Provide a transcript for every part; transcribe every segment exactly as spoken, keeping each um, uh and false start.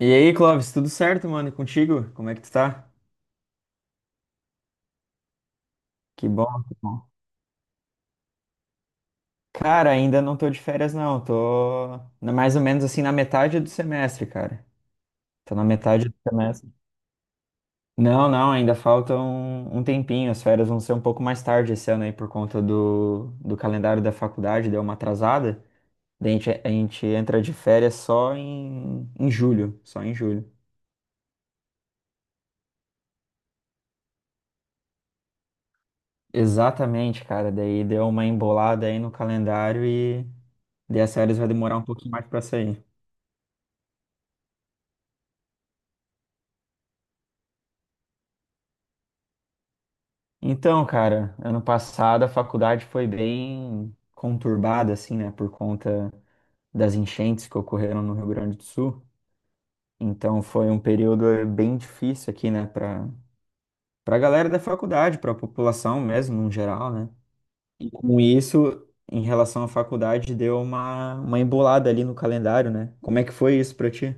E aí, Clóvis, tudo certo, mano? E contigo? Como é que tu tá? Que bom, que bom. Cara, ainda não tô de férias, não. Tô na- mais ou menos assim na metade do semestre, cara. Tô na metade do semestre. Não, não, ainda falta um, um tempinho. As férias vão ser um pouco mais tarde esse ano aí por conta do, do calendário da faculdade, deu uma atrasada. Daí a gente, a gente entra de férias só em, em julho, só em julho. Exatamente, cara. Daí deu uma embolada aí no calendário e daí as férias vai demorar um pouquinho mais pra sair. Então, cara, ano passado a faculdade foi bem conturbada, assim, né, por conta das enchentes que ocorreram no Rio Grande do Sul. Então, foi um período eh, bem difícil aqui, né, para para a galera da faculdade, para a população mesmo, no geral, né. E com isso, em relação à faculdade, deu uma, uma embolada ali no calendário, né. Como é que foi isso pra ti?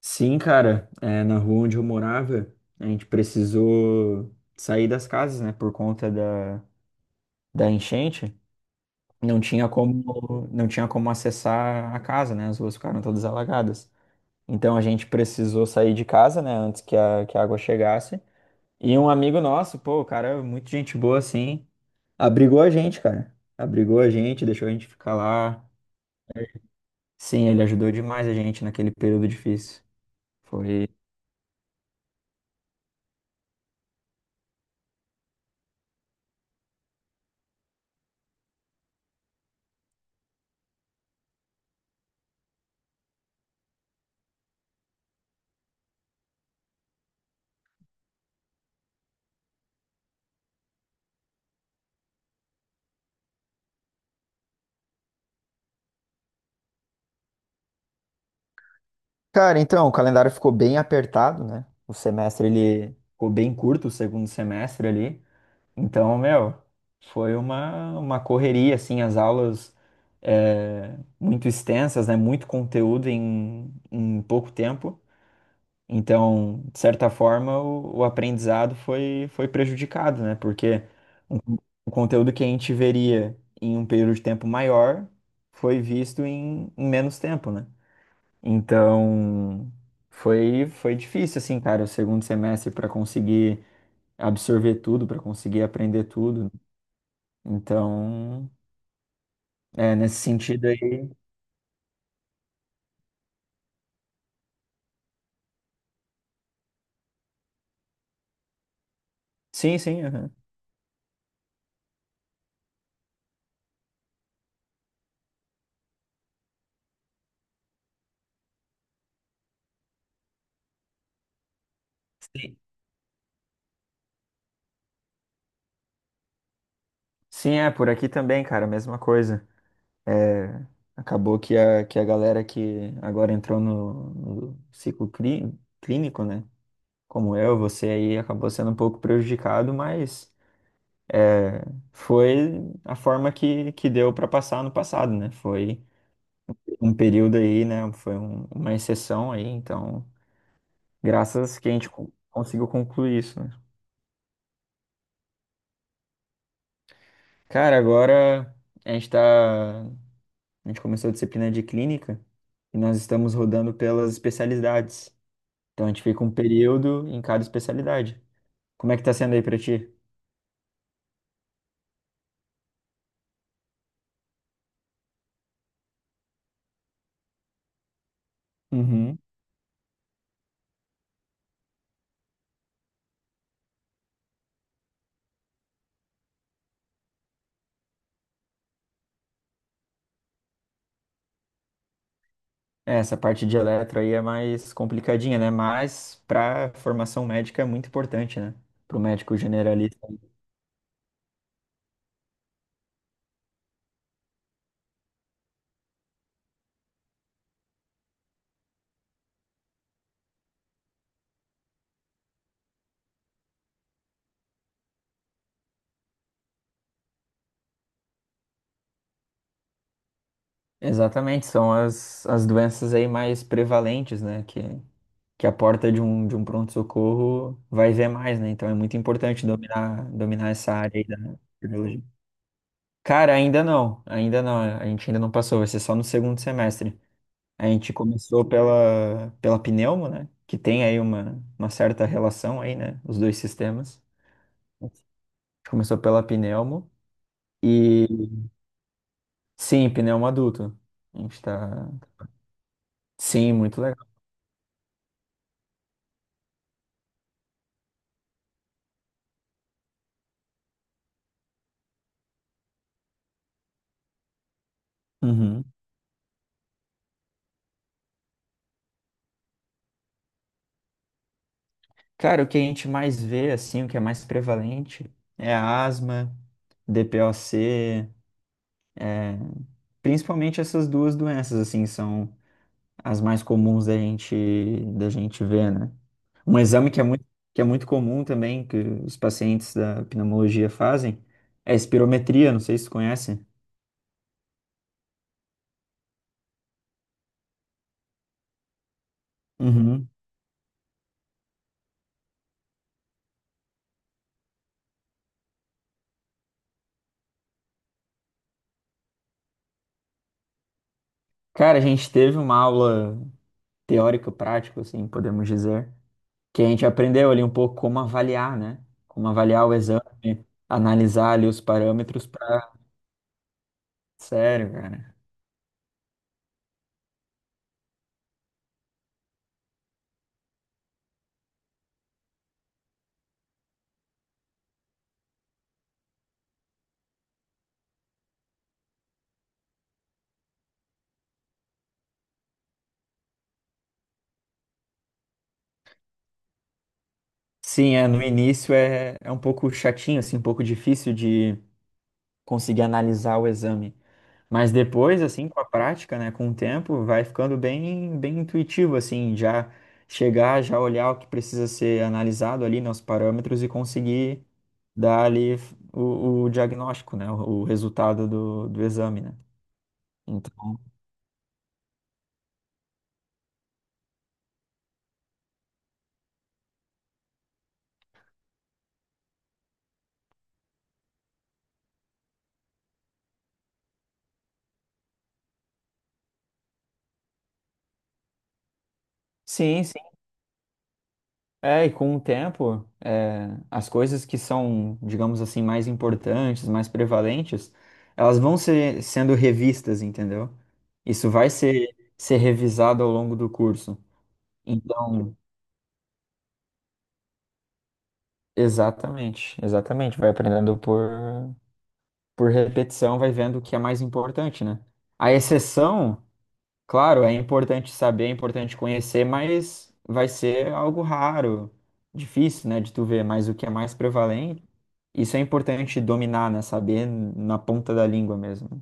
Sim, cara, é, na rua onde eu morava, a gente precisou sair das casas, né, por conta da, da enchente. Não tinha como, não tinha como acessar a casa, né? As ruas ficaram todas alagadas. Então a gente precisou sair de casa, né? Antes que a, que a água chegasse. E um amigo nosso, pô, o cara, é muito gente boa assim, abrigou a gente, cara. Abrigou a gente, deixou a gente ficar lá. Sim, ele ajudou demais a gente naquele período difícil. Foi. Cara, então, o calendário ficou bem apertado, né? O semestre ele ficou bem curto, o segundo semestre ali. Então, meu, foi uma, uma correria, assim, as aulas é, muito extensas, né? Muito conteúdo em, em pouco tempo. Então, de certa forma, o, o aprendizado foi, foi prejudicado, né? Porque um, o conteúdo que a gente veria em um período de tempo maior foi visto em, em menos tempo, né? Então, foi, foi difícil, assim, cara, o segundo semestre para conseguir absorver tudo, para conseguir aprender tudo. Então, é, nesse sentido aí. Sim, sim, aham. Sim, sim, é, por aqui também, cara, mesma coisa. É, acabou que a, que a galera que agora entrou no, no ciclo clí- clínico, né? Como eu, você aí acabou sendo um pouco prejudicado, mas é, foi a forma que, que deu para passar no passado, né? Foi um período aí, né? Foi um- uma exceção aí, então, graças que a gente con- conseguiu concluir isso, né? Cara, agora a gente tá. A gente começou a disciplina de clínica e nós estamos rodando pelas especialidades. Então a gente fica um período em cada especialidade. Como é que tá sendo aí pra ti? Uhum. É, essa parte de eletro aí é mais complicadinha, né? Mas pra formação médica é muito importante, né? Pro médico generalista. Exatamente, são as, as doenças aí mais prevalentes, né? Que que a porta de um, de um pronto-socorro vai ver mais, né? Então é muito importante dominar, dominar essa área aí da cardiologia. Cara, ainda não, ainda não, a gente ainda não passou, vai ser só no segundo semestre. A gente começou pela, pela pneumo, né? Que tem aí uma, uma certa relação aí, né? Os dois sistemas. A gente começou pela pneumo e sim, pneumo adulto. A gente tá. Sim, muito legal. Uhum. Cara, o que a gente mais vê, assim, o que é mais prevalente é a asma, D P O C, principalmente essas duas doenças, assim, são as mais comuns da gente, da gente ver, né? Um exame que é muito, que é muito comum também, que os pacientes da pneumologia fazem, é a espirometria, não sei se você conhece. Uhum. Cara, a gente teve uma aula teórica-prática, assim, podemos dizer, que a gente aprendeu ali um pouco como avaliar, né? Como avaliar o exame, analisar ali os parâmetros para. Sério, cara. Sim, é, no início é, é um pouco chatinho, assim, um pouco difícil de conseguir analisar o exame. Mas depois, assim, com a prática, né, com o tempo, vai ficando bem, bem intuitivo, assim, já chegar, já olhar o que precisa ser analisado ali, né, os parâmetros e conseguir dar ali o, o diagnóstico, né, o, o resultado do, do exame, né? Então, sim, sim. É, e com o tempo, é, as coisas que são, digamos assim, mais importantes, mais prevalentes, elas vão ser sendo revistas, entendeu? Isso vai ser, ser revisado ao longo do curso. Então, exatamente, exatamente. Vai aprendendo por, por repetição, vai vendo o que é mais importante, né? A exceção. Claro, é importante saber, é importante conhecer, mas vai ser algo raro, difícil, né, de tu ver, mas o que é mais prevalente, isso é importante dominar, né, saber na ponta da língua mesmo.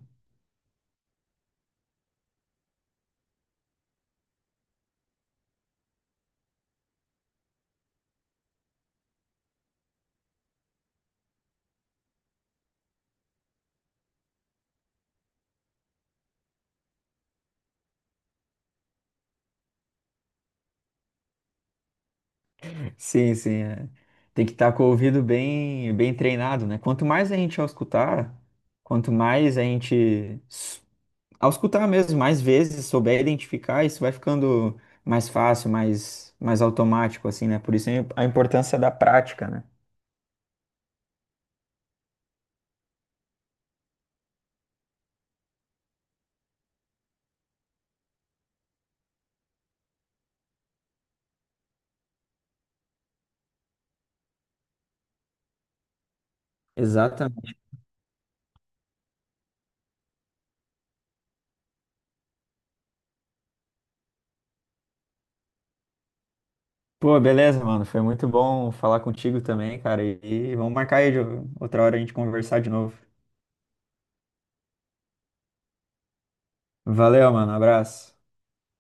Sim, sim, é. Tem que estar com o ouvido bem, bem treinado, né? Quanto mais a gente auscultar, quanto mais a gente s- auscultar mesmo, mais vezes souber identificar, isso vai ficando mais fácil, mais, mais automático, assim, né? Por isso a importância da prática, né? Exatamente. Pô, beleza, mano. Foi muito bom falar contigo também, cara. E e vamos marcar aí de outra hora a gente conversar de novo. Valeu, mano. Abraço.